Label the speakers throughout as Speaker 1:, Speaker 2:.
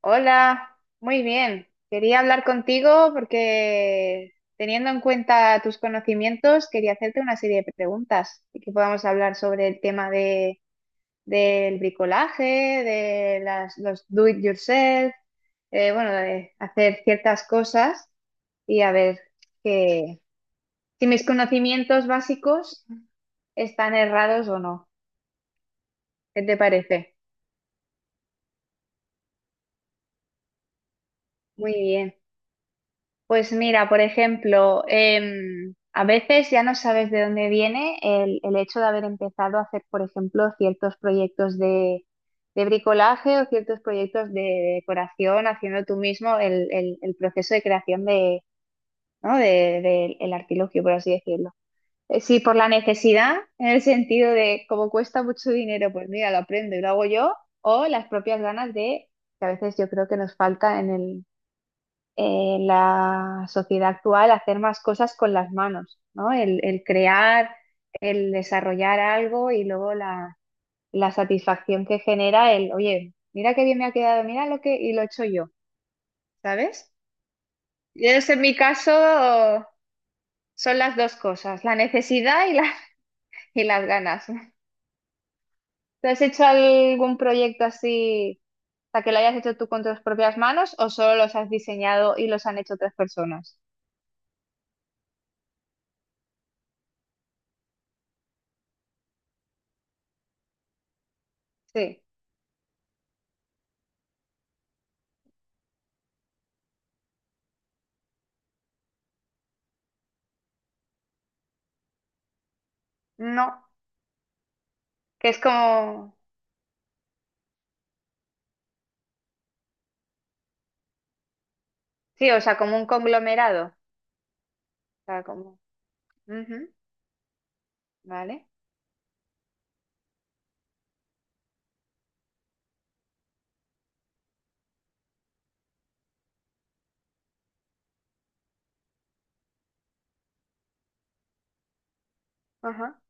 Speaker 1: Hola, muy bien. Quería hablar contigo porque teniendo en cuenta tus conocimientos, quería hacerte una serie de preguntas y que podamos hablar sobre el tema del bricolaje, de los do it yourself, bueno, de hacer ciertas cosas y a ver que, si mis conocimientos básicos están errados o no. ¿Qué te parece? Muy bien. Pues mira, por ejemplo, a veces ya no sabes de dónde viene el hecho de haber empezado a hacer, por ejemplo, ciertos proyectos de bricolaje o ciertos proyectos de decoración, haciendo tú mismo el proceso de creación de, ¿no?, el artilugio, por así decirlo. Sí, por la necesidad, en el sentido de como cuesta mucho dinero, pues mira, lo aprendo y lo hago yo, o las propias ganas de, que a veces yo creo que nos falta en el la sociedad actual hacer más cosas con las manos, ¿no? El crear, el desarrollar algo y luego la satisfacción que genera el, oye, mira qué bien me ha quedado, mira lo que, y lo he hecho yo, ¿sabes? Y es en mi caso son las dos cosas, la necesidad y, la, y las ganas. ¿Te has hecho algún proyecto así, o sea, que lo hayas hecho tú con tus propias manos o solo los has diseñado y los han hecho otras personas? Sí, no, que es como. Sí, o sea, como un conglomerado. O sea, como. Ujú. Vale. Ajá.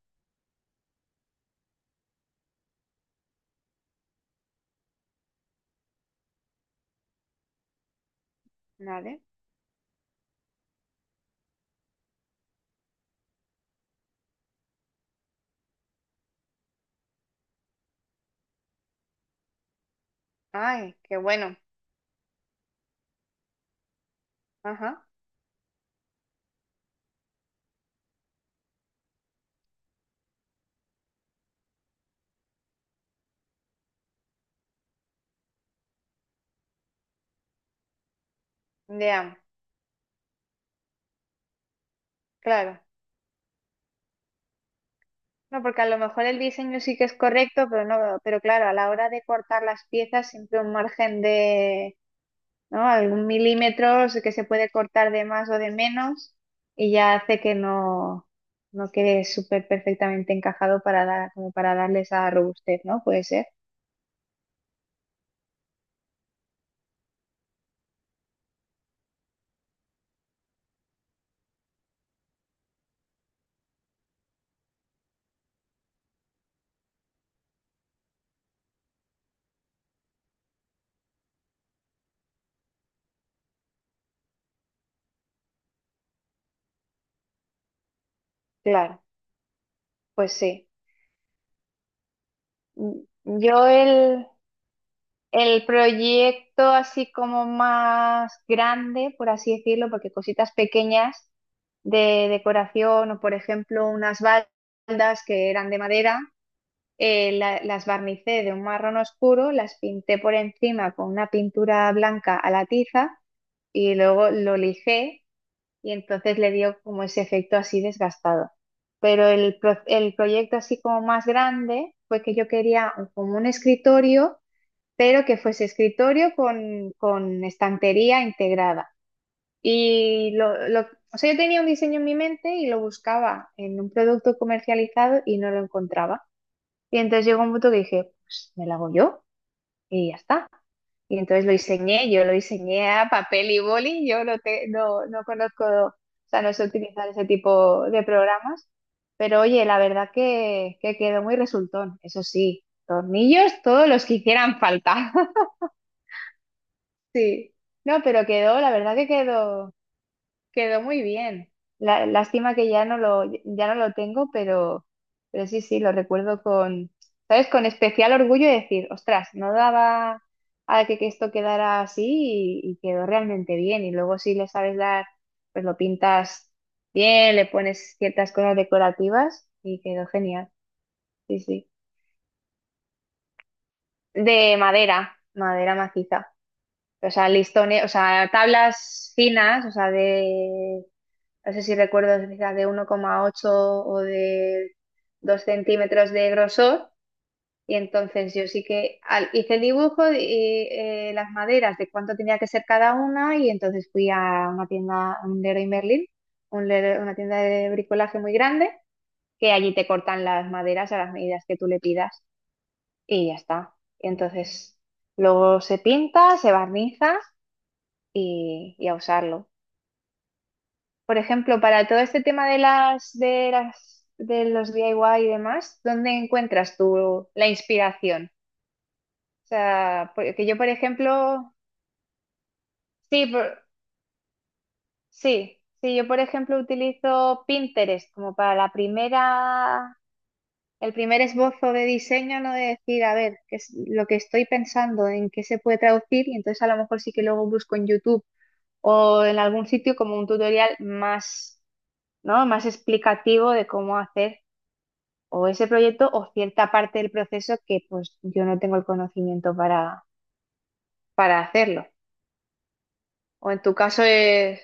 Speaker 1: Vale. Ay, qué bueno. Ajá. Ya, claro. No, porque a lo mejor el diseño sí que es correcto, pero no, pero claro, a la hora de cortar las piezas, siempre un margen de, ¿no? Algún milímetro que se puede cortar de más o de menos, y ya hace que no, no quede súper perfectamente encajado para dar, como para darle esa robustez, ¿no? Puede ser. Claro, pues sí. Mm. Yo el, El proyecto así como más grande, por así decirlo, porque cositas pequeñas de decoración o por ejemplo unas baldas que eran de madera, las barnicé de un marrón oscuro, las pinté por encima con una pintura blanca a la tiza y luego lo lijé y entonces le dio como ese efecto así desgastado. Pero el, pro- el proyecto así como más grande fue que yo quería un- como un escritorio pero que fuese escritorio con estantería integrada. Y lo, lo- o sea, yo tenía un diseño en mi mente y lo buscaba en un producto comercializado y no lo encontraba. Y entonces llegó un punto que dije, pues me lo hago yo y ya está. Y entonces lo diseñé, yo lo diseñé a papel y boli, yo no conozco, o sea, no sé utilizar ese tipo de programas, pero oye, la verdad que quedó muy resultón, eso sí, tornillos todos los que hicieran falta. Sí, no, pero quedó, la verdad que quedó muy bien. La, lástima que ya no lo tengo, pero sí, sí, lo recuerdo con, ¿sabes? Con especial orgullo de decir, ostras, no daba a que esto quedara así y quedó realmente bien. Y luego si le sabes dar, pues lo pintas bien, le pones ciertas cosas decorativas y quedó genial. Sí, sí. De madera, madera maciza. O sea, listones, o sea, tablas finas, o sea, de, no sé si recuerdo, quizá de 1,8 o de 2 centímetros de grosor. Y entonces yo sí que al- hice el dibujo y las maderas de cuánto tenía que ser cada una y entonces fui a una tienda, a un Leroy Merlin, una tienda de bricolaje muy grande, que allí te cortan las maderas a las medidas que tú le pidas y ya está. Y entonces luego se pinta, se barniza y a usarlo. Por ejemplo, para todo este tema de las, de las, de los DIY y demás, ¿dónde encuentras tú la inspiración? O sea, que yo, por ejemplo, sí, sí, sí, yo, por ejemplo, utilizo Pinterest como para la primera, el primer esbozo de diseño, ¿no? De decir, a ver, qué es lo que estoy pensando, en qué se puede traducir, y entonces a lo mejor sí que luego busco en YouTube o en algún sitio como un tutorial más. ¿No? Más explicativo de cómo hacer o ese proyecto o cierta parte del proceso que pues yo no tengo el conocimiento para hacerlo. O en tu caso es...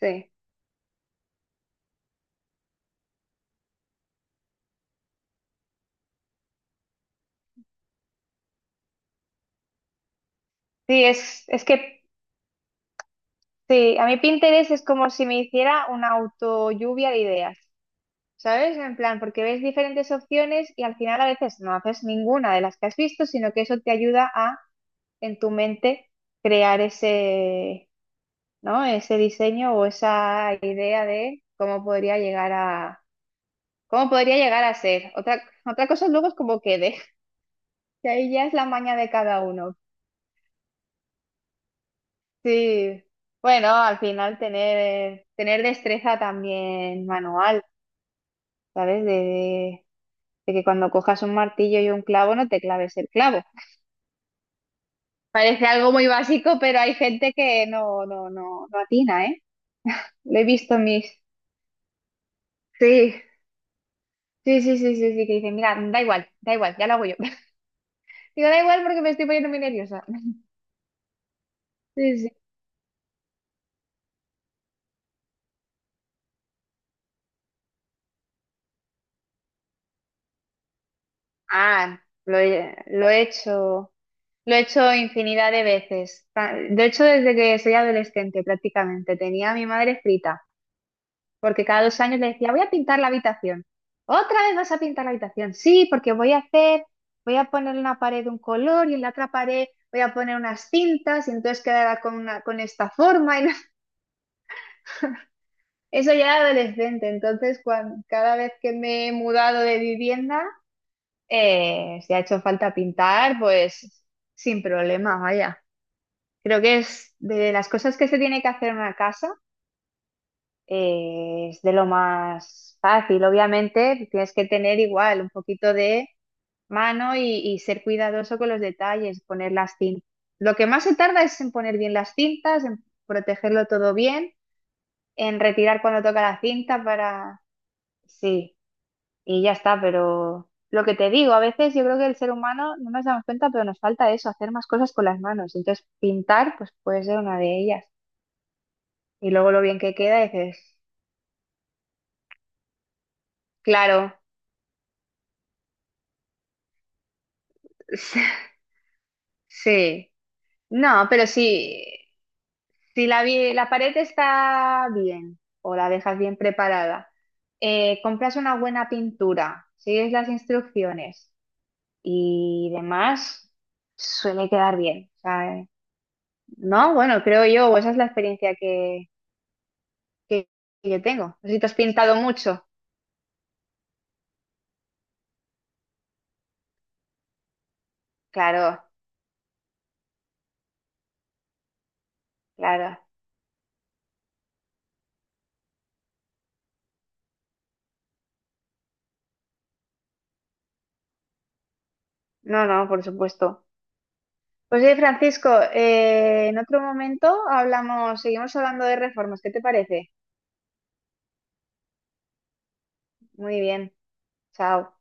Speaker 1: Sí, sí, es que sí, a mí Pinterest es como si me hiciera una auto lluvia de ideas, ¿sabes? En plan, porque ves diferentes opciones y al final a veces no haces ninguna de las que has visto, sino que eso te ayuda a, en tu mente, crear ese ¿no? Ese diseño o esa idea de cómo podría llegar a, cómo podría llegar a ser. Otra, otra cosa luego es cómo quede, que ahí ya es la maña de cada uno. Sí, bueno, al final tener, tener destreza también manual, ¿sabes? De que cuando cojas un martillo y un clavo no te claves el clavo. Parece algo muy básico, pero hay gente que no atina, ¿eh? Lo he visto en mis... Sí, sí, sí, sí, sí, sí, que dicen, mira, da igual, ya lo hago yo. Digo, da igual porque me estoy poniendo muy nerviosa. Sí, sí. Ah, lo he hecho infinidad de veces. Ta- De hecho, desde que soy adolescente prácticamente, tenía a mi madre frita, porque cada 2 años le decía, voy a pintar la habitación. ¿Otra vez vas a pintar la habitación? Sí, porque voy a poner en una pared un color y en la otra pared voy a poner unas cintas y entonces quedará con esta forma. Y no- Eso ya era adolescente, entonces cuan- cada vez que me he mudado de vivienda... si ha hecho falta pintar, pues sin problema, vaya. Creo que es de las cosas que se tiene que hacer en una casa, es de lo más fácil. Obviamente, tienes que tener igual un poquito de mano y ser cuidadoso con los detalles, poner las cintas. Lo que más se tarda es en poner bien las cintas, en protegerlo todo bien, en retirar cuando toca la cinta para... sí. Y ya está, pero lo que te digo, a veces yo creo que el ser humano no nos damos cuenta, pero nos falta eso, hacer más cosas con las manos. Entonces, pintar, pues puede ser una de ellas. Y luego lo bien que queda, dices, claro, sí. No, pero sí, si la pared está bien o la dejas bien preparada, compras una buena pintura, sigues las instrucciones y demás, suele quedar bien. O sea, no, bueno, creo yo, o esa es la experiencia que que que yo tengo. Si te has pintado mucho. Claro, claro. No, no, por supuesto. Pues oye, Francisco, en otro momento hablamos, seguimos hablando de reformas. ¿Qué te parece? Muy bien. Chao.